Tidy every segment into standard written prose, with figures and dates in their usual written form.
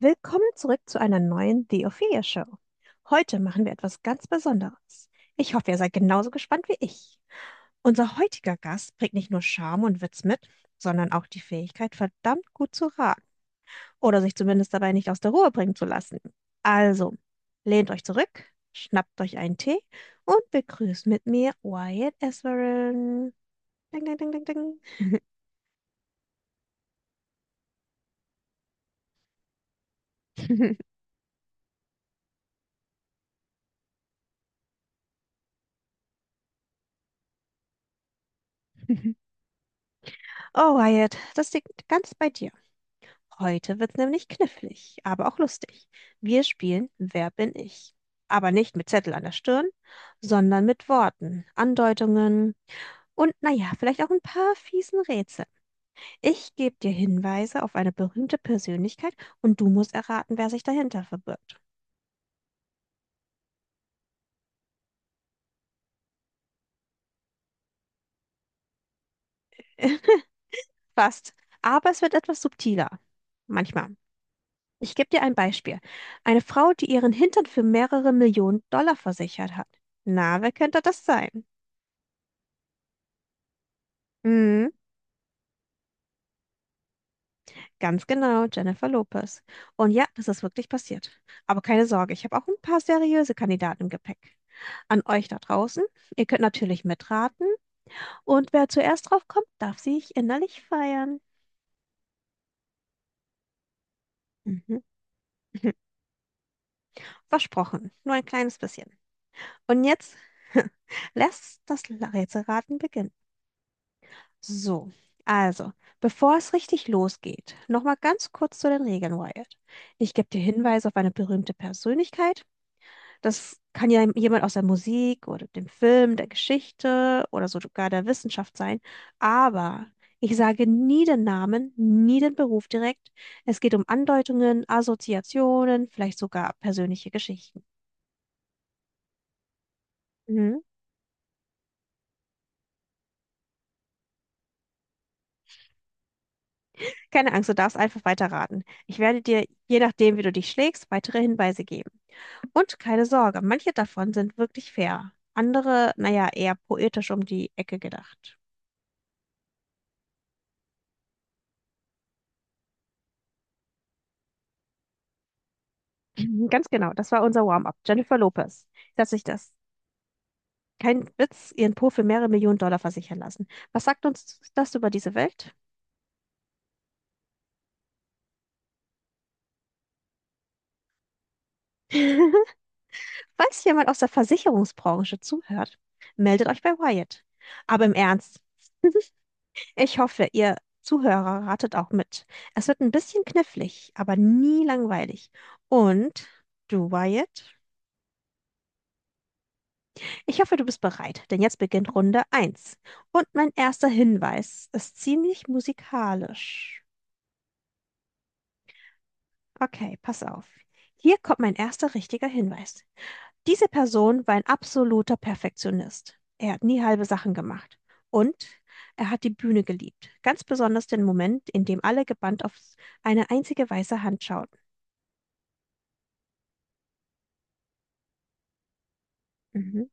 Willkommen zurück zu einer neuen The Ophelia Show. Heute machen wir etwas ganz Besonderes. Ich hoffe, ihr seid genauso gespannt wie ich. Unser heutiger Gast bringt nicht nur Charme und Witz mit, sondern auch die Fähigkeit, verdammt gut zu raten oder sich zumindest dabei nicht aus der Ruhe bringen zu lassen. Also, lehnt euch zurück, schnappt euch einen Tee und begrüßt mit mir Wyatt Esperen. Ding, ding, ding, ding, ding. Oh, Wyatt, das liegt ganz bei dir. Heute wird's nämlich knifflig, aber auch lustig. Wir spielen „Wer bin ich?" Aber nicht mit Zettel an der Stirn, sondern mit Worten, Andeutungen und naja, vielleicht auch ein paar fiesen Rätsel. Ich gebe dir Hinweise auf eine berühmte Persönlichkeit und du musst erraten, wer sich dahinter verbirgt. Fast. Aber es wird etwas subtiler. Manchmal. Ich gebe dir ein Beispiel. Eine Frau, die ihren Hintern für mehrere Millionen Dollar versichert hat. Na, wer könnte das sein? Hm? Ganz genau, Jennifer Lopez. Und ja, das ist wirklich passiert. Aber keine Sorge, ich habe auch ein paar seriöse Kandidaten im Gepäck. An euch da draußen, ihr könnt natürlich mitraten, und wer zuerst drauf kommt, darf sich innerlich feiern. Mhm. Versprochen, nur ein kleines bisschen. Und jetzt lässt das Rätselraten beginnen. So, also, bevor es richtig losgeht, nochmal ganz kurz zu den Regeln, Wyatt. Ich gebe dir Hinweise auf eine berühmte Persönlichkeit. Das kann ja jemand aus der Musik oder dem Film, der Geschichte oder sogar der Wissenschaft sein. Aber ich sage nie den Namen, nie den Beruf direkt. Es geht um Andeutungen, Assoziationen, vielleicht sogar persönliche Geschichten. Mhm. Keine Angst, du darfst einfach weiterraten. Ich werde dir, je nachdem, wie du dich schlägst, weitere Hinweise geben. Und keine Sorge, manche davon sind wirklich fair. Andere, naja, eher poetisch um die Ecke gedacht. Mhm, ganz genau, das war unser Warm-up. Jennifer Lopez. Dass ich das. Kein Witz, ihren Po für mehrere Millionen Dollar versichern lassen. Was sagt uns das über diese Welt? Falls jemand aus der Versicherungsbranche zuhört, meldet euch bei Wyatt. Aber im Ernst, ich hoffe, ihr Zuhörer ratet auch mit. Es wird ein bisschen knifflig, aber nie langweilig. Und du, Wyatt? Ich hoffe, du bist bereit, denn jetzt beginnt Runde eins. Und mein erster Hinweis ist ziemlich musikalisch. Okay, pass auf. Hier kommt mein erster richtiger Hinweis. Diese Person war ein absoluter Perfektionist. Er hat nie halbe Sachen gemacht. Und er hat die Bühne geliebt. Ganz besonders den Moment, in dem alle gebannt auf eine einzige weiße Hand schauten. Mhm.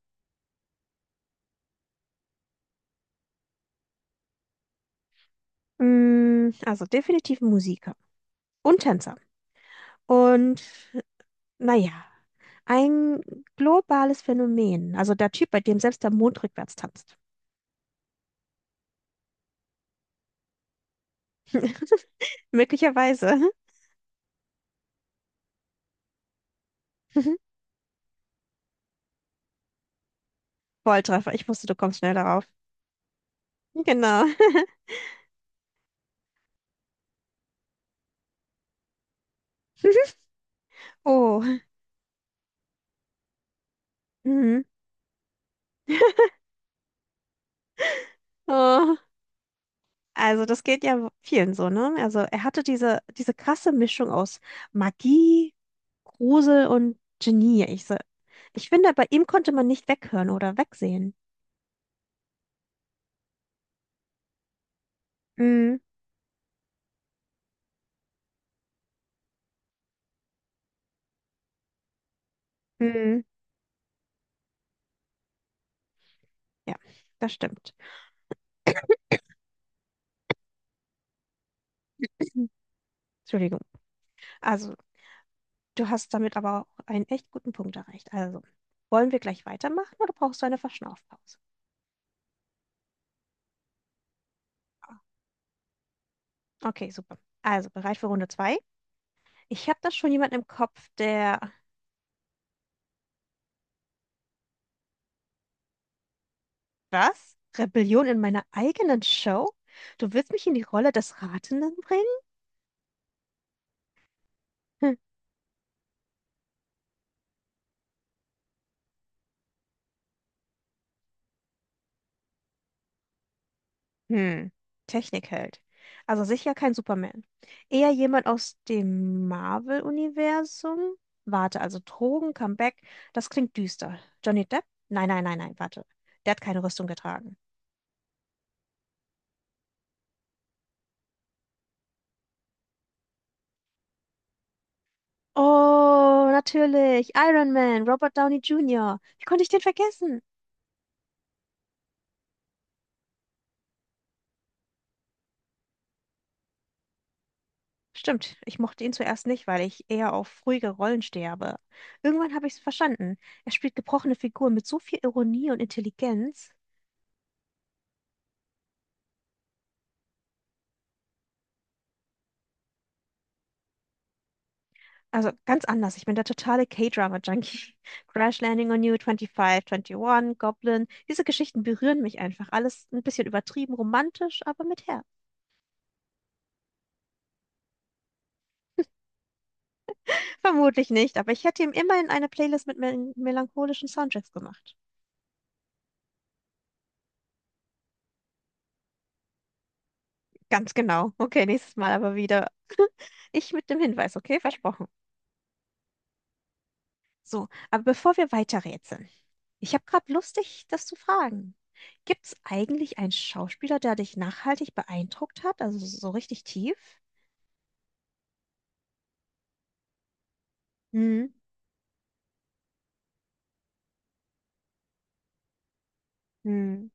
Also definitiv ein Musiker und Tänzer. Und naja, ein globales Phänomen. Also der Typ, bei dem selbst der Mond rückwärts tanzt. Möglicherweise. Volltreffer. Ich wusste, du kommst schnell darauf. Genau. Oh. Mhm. Oh. Also das geht ja vielen so, ne? Also er hatte diese krasse Mischung aus Magie, Grusel und Genie. Ich finde, bei ihm konnte man nicht weghören oder wegsehen. Mm, mm, ja, das stimmt. Entschuldigung. Also du hast damit aber auch einen echt guten Punkt erreicht. Also wollen wir gleich weitermachen oder brauchst du eine Verschnaufpause? Okay, super. Also bereit für Runde zwei? Ich habe da schon jemanden im Kopf, der... Was? Rebellion in meiner eigenen Show? Du willst mich in die Rolle des Ratenden bringen? Hm. Hm. Technikheld. Also sicher kein Superman. Eher jemand aus dem Marvel-Universum? Warte, also Drogen, Comeback, das klingt düster. Johnny Depp? Nein, nein, nein, nein, warte. Der hat keine Rüstung getragen. Oh, natürlich. Iron Man, Robert Downey Jr. Wie konnte ich den vergessen? Stimmt, ich mochte ihn zuerst nicht, weil ich eher auf ruhige Rollen stehe, aber irgendwann habe ich es verstanden. Er spielt gebrochene Figuren mit so viel Ironie und Intelligenz. Also ganz anders. Ich bin der totale K-Drama-Junkie. Crash Landing on You, 25, 21, Goblin. Diese Geschichten berühren mich einfach. Alles ein bisschen übertrieben, romantisch, aber mit Herz. Vermutlich nicht, aber ich hätte ihm immerhin eine Playlist mit melancholischen Soundtracks gemacht. Ganz genau. Okay, nächstes Mal aber wieder. Ich mit dem Hinweis, okay? Versprochen. So, aber bevor wir weiterrätseln, ich habe gerade Lust, dich das zu fragen. Gibt es eigentlich einen Schauspieler, der dich nachhaltig beeindruckt hat, also so richtig tief? Hm, hm,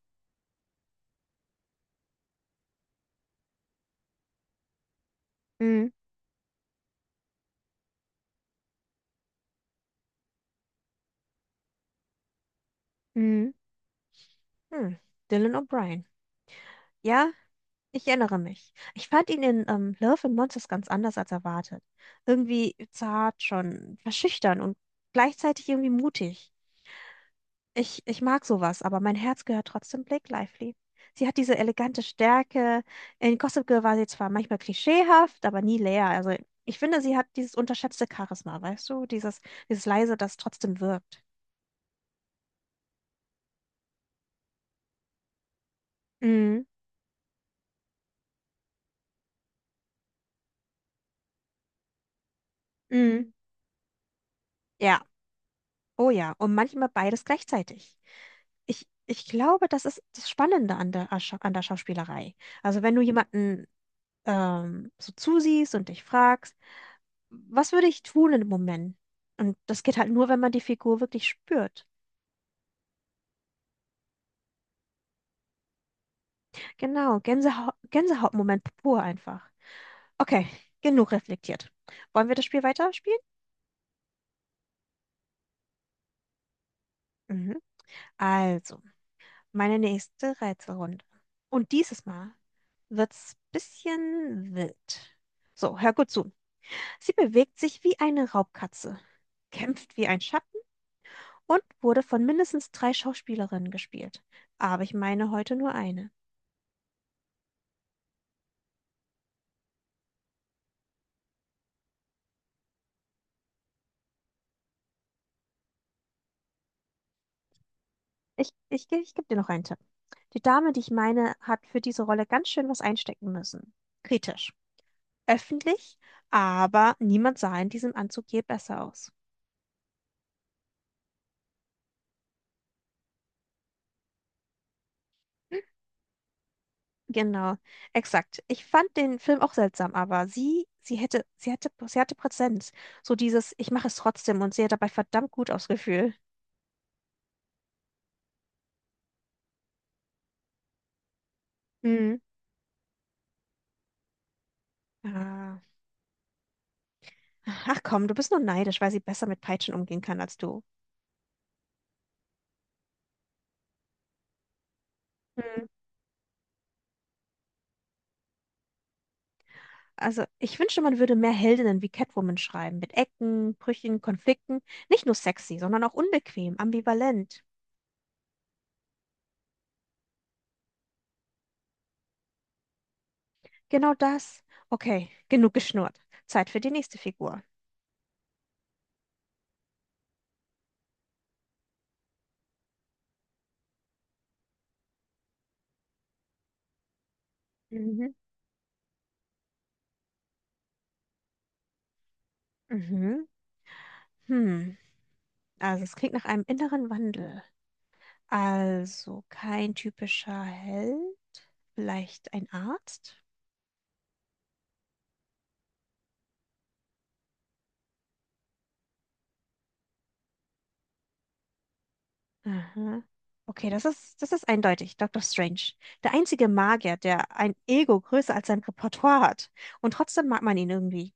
hm, hm, hm. Dylan O'Brien. Ja, ich erinnere mich. Ich fand ihn in Love and Monsters ganz anders als erwartet. Irgendwie zart, schon verschüchtern und gleichzeitig irgendwie mutig. Ich mag sowas, aber mein Herz gehört trotzdem Blake Lively. Sie hat diese elegante Stärke. In Gossip Girl war sie zwar manchmal klischeehaft, aber nie leer. Also ich finde, sie hat dieses unterschätzte Charisma, weißt du? Dieses leise, das trotzdem wirkt. Mhm. Mhm. Ja, oh ja. Und manchmal beides gleichzeitig. Ich glaube, das ist das Spannende an an der Schauspielerei. Also wenn du jemanden so zusiehst und dich fragst, was würde ich tun in dem Moment? Und das geht halt nur, wenn man die Figur wirklich spürt. Genau, Gänsehautmoment pur einfach. Okay, genug reflektiert. Wollen wir das Spiel weiterspielen? Mhm. Also, meine nächste Rätselrunde. Und dieses Mal wird's bisschen wild. So, hör gut zu. Sie bewegt sich wie eine Raubkatze, kämpft wie ein Schatten und wurde von mindestens drei Schauspielerinnen gespielt. Aber ich meine heute nur eine. Ich gebe dir noch einen Tipp. Die Dame, die ich meine, hat für diese Rolle ganz schön was einstecken müssen. Kritisch. Öffentlich, aber niemand sah in diesem Anzug je besser aus. Genau, exakt. Ich fand den Film auch seltsam, aber sie hatte Präsenz. So dieses, ich mache es trotzdem, und sie hat dabei verdammt gut ausgefühlt. Mhm. Ah. Ach komm, du bist nur neidisch, weil sie besser mit Peitschen umgehen kann als du. Also, ich wünschte, man würde mehr Heldinnen wie Catwoman schreiben, mit Ecken, Brüchen, Konflikten. Nicht nur sexy, sondern auch unbequem, ambivalent. Genau das. Okay, genug geschnurrt. Zeit für die nächste Figur. Mhm. Mhm. Hm. Also, es klingt nach einem inneren Wandel. Also, kein typischer Held. Vielleicht ein Arzt? Aha. Okay, das ist eindeutig. Dr. Strange. Der einzige Magier, der ein Ego größer als sein Repertoire hat. Und trotzdem mag man ihn irgendwie.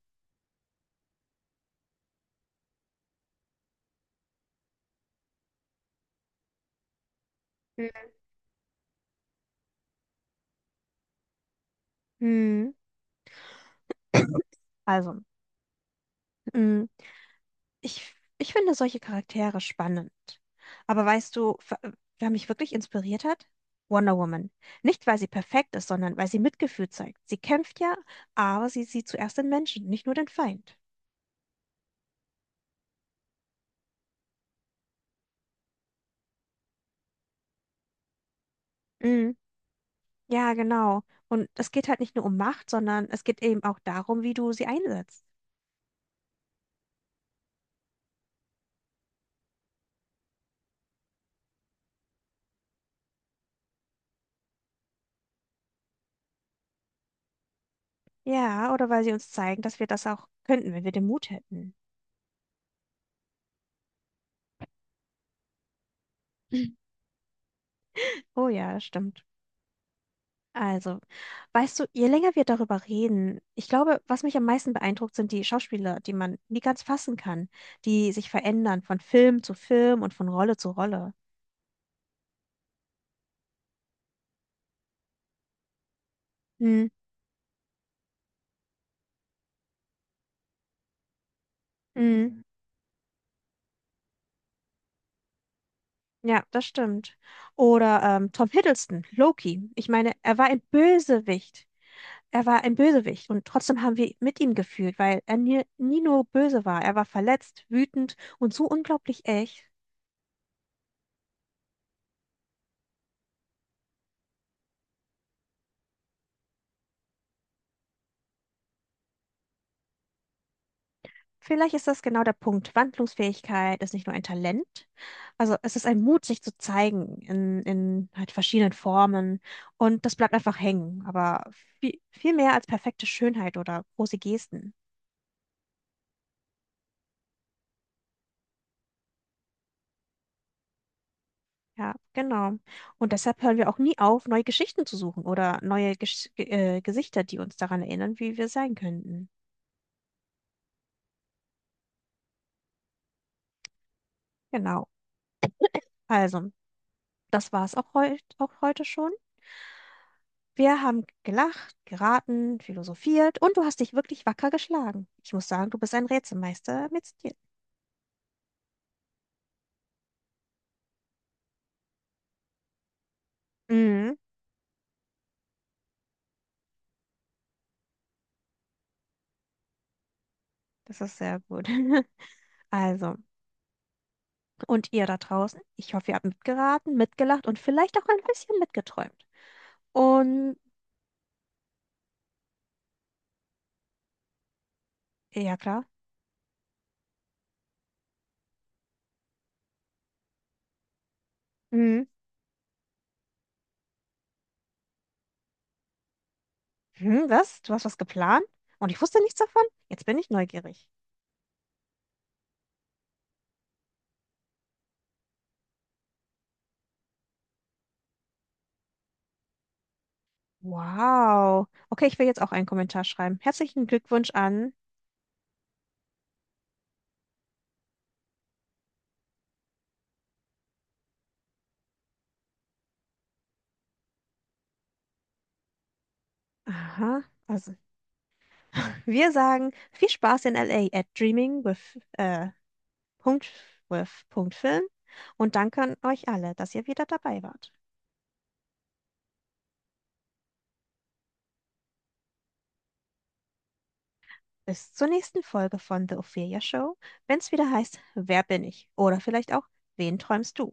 Mhm. Also, mm, ich finde solche Charaktere spannend. Aber weißt du, wer mich wirklich inspiriert hat? Wonder Woman. Nicht, weil sie perfekt ist, sondern weil sie Mitgefühl zeigt. Sie kämpft ja, aber sie sieht zuerst den Menschen, nicht nur den Feind. Mm, Ja, genau. Und es geht halt nicht nur um Macht, sondern es geht eben auch darum, wie du sie einsetzt. Ja, oder weil sie uns zeigen, dass wir das auch könnten, wenn wir den Mut hätten. Oh ja, das stimmt. Also, weißt du, je länger wir darüber reden, ich glaube, was mich am meisten beeindruckt, sind die Schauspieler, die man nie ganz fassen kann, die sich verändern von Film zu Film und von Rolle zu Rolle. Hm, hm. Ja, das stimmt. Oder Tom Hiddleston, Loki. Ich meine, er war ein Bösewicht. Er war ein Bösewicht und trotzdem haben wir mit ihm gefühlt, weil er nie nur böse war. Er war verletzt, wütend und so unglaublich echt. Vielleicht ist das genau der Punkt. Wandlungsfähigkeit ist nicht nur ein Talent, also es ist ein Mut, sich zu zeigen in halt verschiedenen Formen, und das bleibt einfach hängen, aber viel mehr als perfekte Schönheit oder große Gesten. Ja, genau. Und deshalb hören wir auch nie auf, neue Geschichten zu suchen oder neue Gesichter, die uns daran erinnern, wie wir sein könnten. Genau. Also, das war es auch, auch heute schon. Wir haben gelacht, geraten, philosophiert und du hast dich wirklich wacker geschlagen. Ich muss sagen, du bist ein Rätselmeister mit Stil. Mhm, das ist sehr gut. Also, und ihr da draußen, ich hoffe, ihr habt mitgeraten, mitgelacht und vielleicht auch ein bisschen mitgeträumt. Und ja, klar. Mhm. Hm, was? Du hast was geplant? Und ich wusste nichts davon? Jetzt bin ich neugierig. Wow. Okay, ich will jetzt auch einen Kommentar schreiben. Herzlichen Glückwunsch an... Aha. Also. Wir sagen viel Spaß in LA at Dreaming with, Punkt, with Punkt Film, und danke an euch alle, dass ihr wieder dabei wart. Bis zur nächsten Folge von The Ophelia Show, wenn es wieder heißt, „Wer bin ich?" Oder vielleicht auch, „Wen träumst du?"